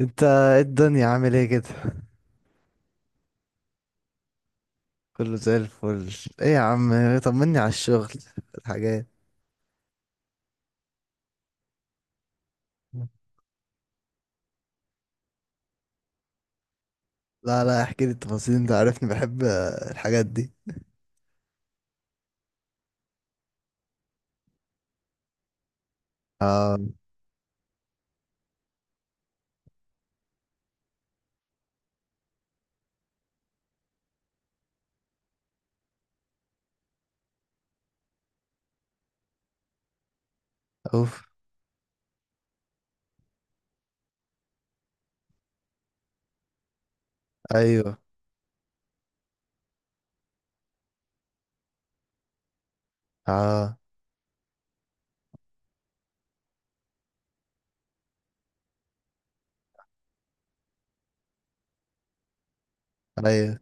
انت ايه الدنيا عامل ايه كده؟ كله زي الفل. ايه يا عم، طمني على الشغل، الحاجات. لا، لا، احكي لي التفاصيل، انت عارفني بحب الحاجات دي. اه. اوف. ايوه. اه. ايوه.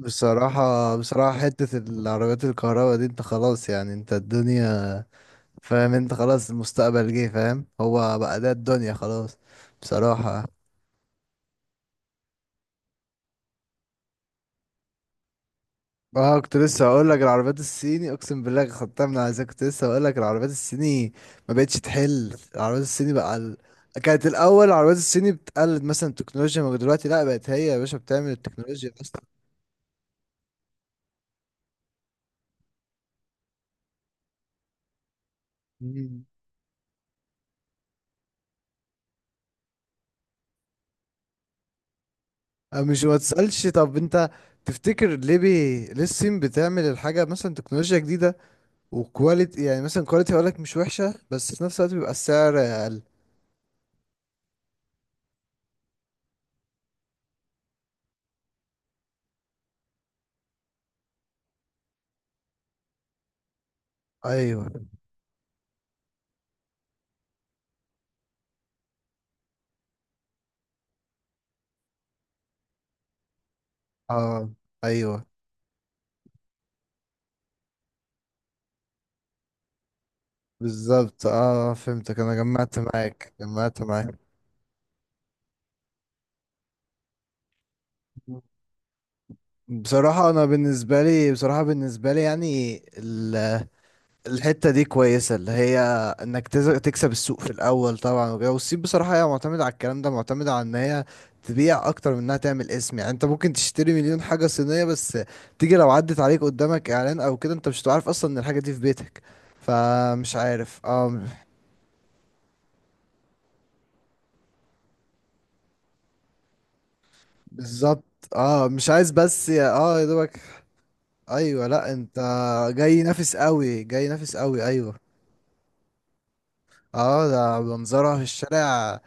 بصراحة، بصراحة حتة العربيات الكهرباء دي، انت خلاص يعني، انت الدنيا فاهم، انت خلاص المستقبل جه، فاهم؟ هو بقى ده الدنيا خلاص بصراحة. اه، كنت لسه هقول لك العربيات الصيني، اقسم بالله خدتها من عايزك، كنت لسه هقول لك العربيات الصيني ما بقتش تحل. العربيات الصيني بقى كانت الاول العربيات الصيني بتقلد مثلا التكنولوجيا، ما دلوقتي لا، بقت هي يا باشا بتعمل التكنولوجيا اصلا. مم. أه، مش ما تسالش. طب انت تفتكر ليه، ليه الصين بتعمل الحاجه مثلا تكنولوجيا جديده وكواليتي، يعني مثلا كواليتي هقول لك مش وحشه، بس في نفس الوقت بيبقى السعر اقل؟ ايوه. اه. ايوه بالظبط، اه فهمتك، انا جمعت معاك، جمعت معاك. بصراحة انا بالنسبة لي، بصراحة بالنسبة لي يعني، الحتة دي كويسة، اللي هي انك تكسب السوق في الاول طبعا وكده. والصين بصراحة هي معتمدة على الكلام ده، معتمدة على ان هي تبيع اكتر من انها تعمل اسم. يعني انت ممكن تشتري مليون حاجة صينية، بس تيجي لو عدت عليك قدامك اعلان او كده انت مش هتعرف اصلا ان الحاجة دي في بيتك. فمش عارف، اه. بالظبط. اه، مش عايز بس، اه يا دوبك. ايوه. لا، انت جاي نافس قوي، جاي نافس قوي، ايوه. اه، ده منظرها في الشارع.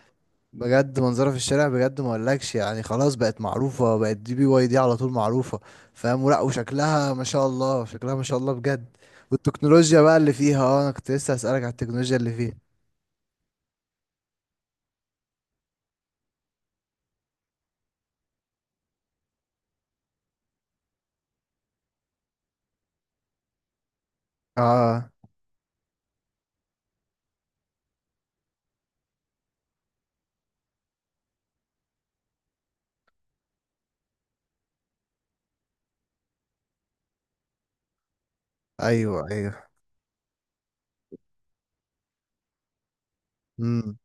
بجد منظرها في الشارع بجد، ما اقولكش يعني، خلاص بقت معروفة، بقت دي BYD على طول معروفة، فاهم ولا؟ وشكلها ما شاء الله، شكلها ما شاء الله بجد. والتكنولوجيا بقى اللي فيها، اه انا كنت لسه هسألك على التكنولوجيا اللي فيها. اه. ايوه. ايوه. امم.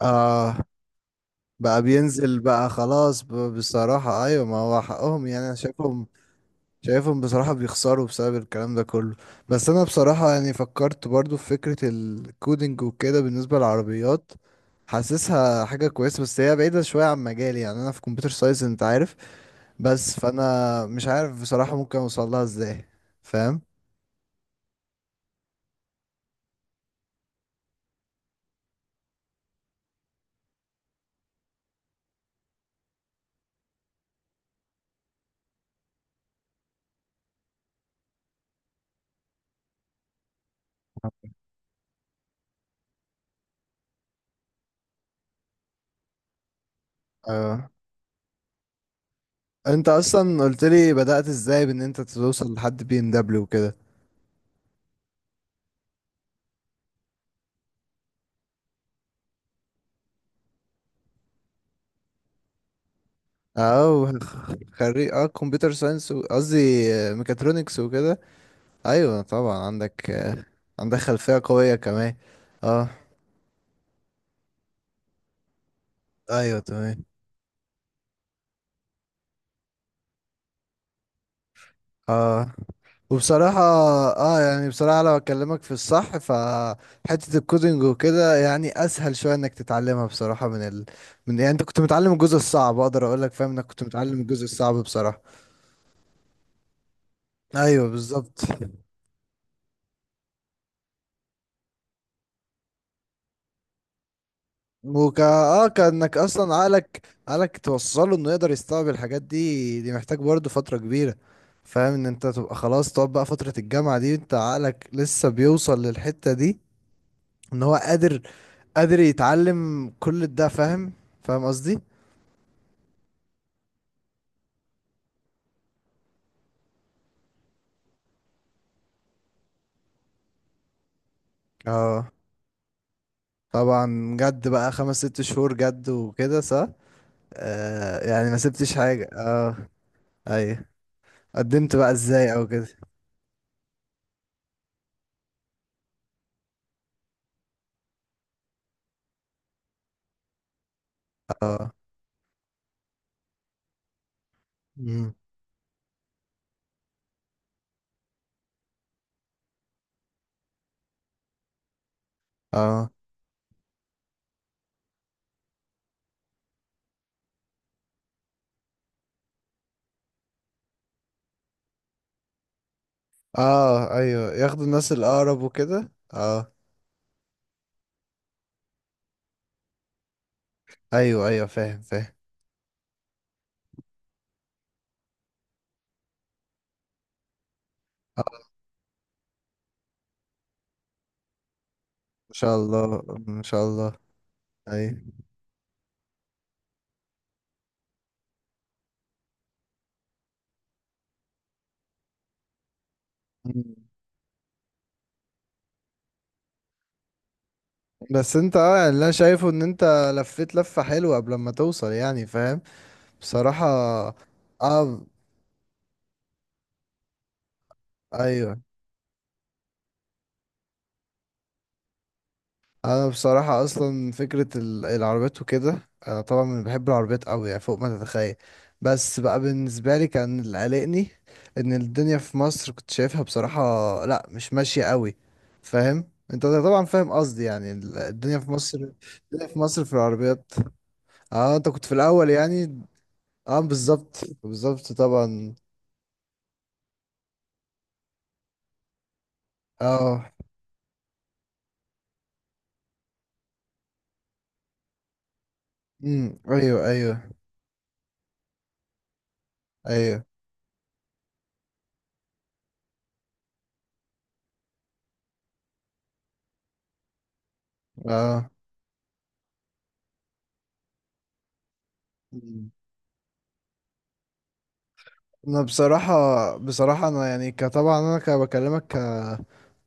اه بقى بينزل بقى خلاص، بصراحة ايوه، ما هو حقهم يعني، انا شايفهم، بصراحة بيخسروا بسبب الكلام ده كله. بس أنا بصراحة يعني فكرت برضو في فكرة الكودينج وكده بالنسبة للعربيات، حاسسها حاجة كويسة، بس هي بعيدة شوية عن مجالي. يعني أنا في كمبيوتر ساينس أنت عارف، بس فأنا مش عارف بصراحة ممكن أوصلها إزاي. فاهم؟ أه، أنت أصلا قلت لي بدأت إزاي بإن أنت توصل لحد BMW وكده. أه، خريج أه كمبيوتر ساينس، قصدي ميكاترونكس وكده. ايوه طبعا عندك عندك خلفية قوية كمان. اه، ايوه تمام. اه، وبصراحة اه يعني بصراحة لو اكلمك في الصح، فحتة الكودينج وكده يعني اسهل شوية انك تتعلمها بصراحة من يعني انت كنت متعلم الجزء الصعب، اقدر اقول لك، فاهم؟ انك كنت متعلم الجزء الصعب بصراحة. ايوه بالظبط. وكا اه كانك اصلا عقلك، توصله انه يقدر يستوعب الحاجات دي، دي محتاج برضه فترة كبيرة. فاهم؟ ان انت تبقى خلاص تقعد بقى فترة الجامعة دي، انت عقلك لسه بيوصل للحتة دي، ان هو قادر، يتعلم كل ده. فاهم؟ فاهم قصدي؟ اه طبعا، جد بقى خمس ست شهور، جد وكده صح. آه يعني ما سبتش حاجة، اه. ايوه. قدمت بقى ازاي او كده؟ اه. مم. اه. اه. ايوه، ياخدوا الناس الاقرب وكده اه. ايوه ايوه، فاهم فاهم. اه. ان شاء الله، ان شاء الله. ايوه. مم. بس انت، اه يعني، اللي انا شايفه ان انت لفيت لفة حلوة قبل ما توصل، يعني فاهم؟ بصراحة. اه، ايوه. انا بصراحه اصلا فكره العربيات وكده، انا طبعا من بحب العربيات قوي، يعني فوق ما تتخيل. بس بقى بالنسبه لي كان اللي قلقني ان الدنيا في مصر كنت شايفها بصراحه لا، مش ماشيه قوي. فاهم؟ انت طبعا فاهم قصدي يعني، الدنيا في مصر، الدنيا في مصر في العربيات. اه انت كنت في الاول يعني. اه بالظبط. بالظبط طبعا. اه. امم. ايوه. ايوه. ايوه. اه. مم. انا بصراحه، بصراحه انا يعني كطبعا انا كبكلمك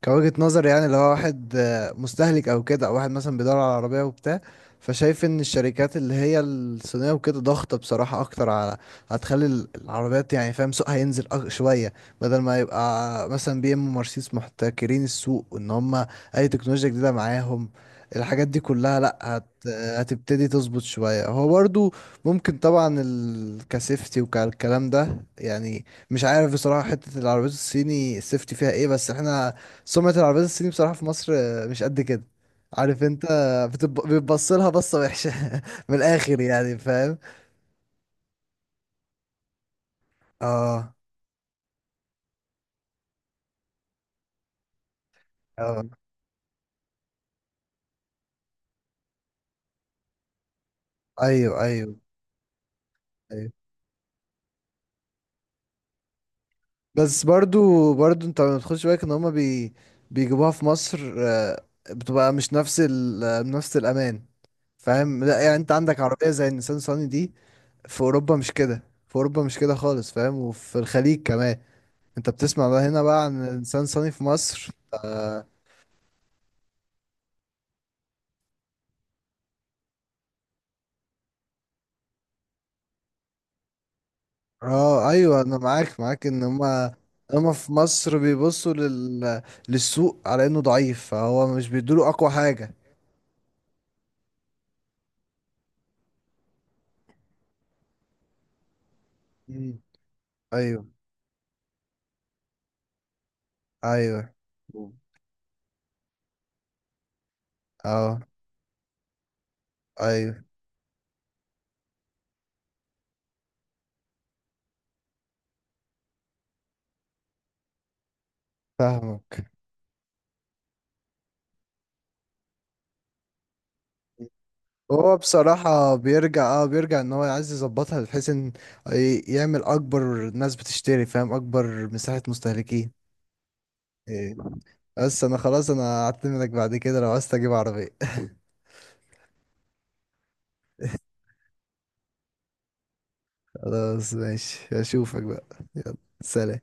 كوجهة نظر، يعني لو واحد مستهلك او كده، او واحد مثلا بيدور على عربية وبتاع، فشايف ان الشركات اللي هي الصينية وكده ضغطة بصراحة اكتر، على هتخلي العربيات يعني، فاهم؟ سوقها ينزل شوية، بدل ما يبقى مثلا بي ام ومرسيدس محتكرين السوق، ان هم اي تكنولوجيا جديدة معاهم الحاجات دي كلها. لا، هتبتدي تظبط شوية. هو برضو ممكن طبعا كسيفتي وكالكلام ده، يعني مش عارف بصراحة حتة العربيات الصيني السيفتي فيها ايه، بس احنا سمعة العربيات الصيني بصراحة في مصر مش قد كده، عارف انت؟ بتبص لها بصة وحشة من الآخر يعني، فاهم؟ اه. اه. ايوه. ايوه. ايوه. بس برضو، برضو انت ما تخش بالك ان هما، بيجيبوها في مصر بتبقى مش نفس ال... آه، نفس الأمان. فاهم؟ لا يعني، انت عندك عربية زي النيسان صاني دي، في أوروبا مش كده، في أوروبا مش كده خالص، فاهم؟ وفي الخليج كمان. انت بتسمع بقى هنا بقى عن النيسان صاني في مصر آه. اه، ايوه انا معاك، معاك ان هما، هما في مصر بيبصوا للسوق على انه ضعيف، فهو مش بيدوله اقوى حاجة. مم. ايوه ايوه. اه. ايوه فاهمك. هو بصراحة بيرجع، ان هو عايز يظبطها بحيث ان يعمل اكبر ناس بتشتري، فاهم؟ اكبر مساحة مستهلكين. إيه. بس انا خلاص، انا هعتمدك بعد كده لو عايز تجيب عربية خلاص ماشي، اشوفك بقى. سلام.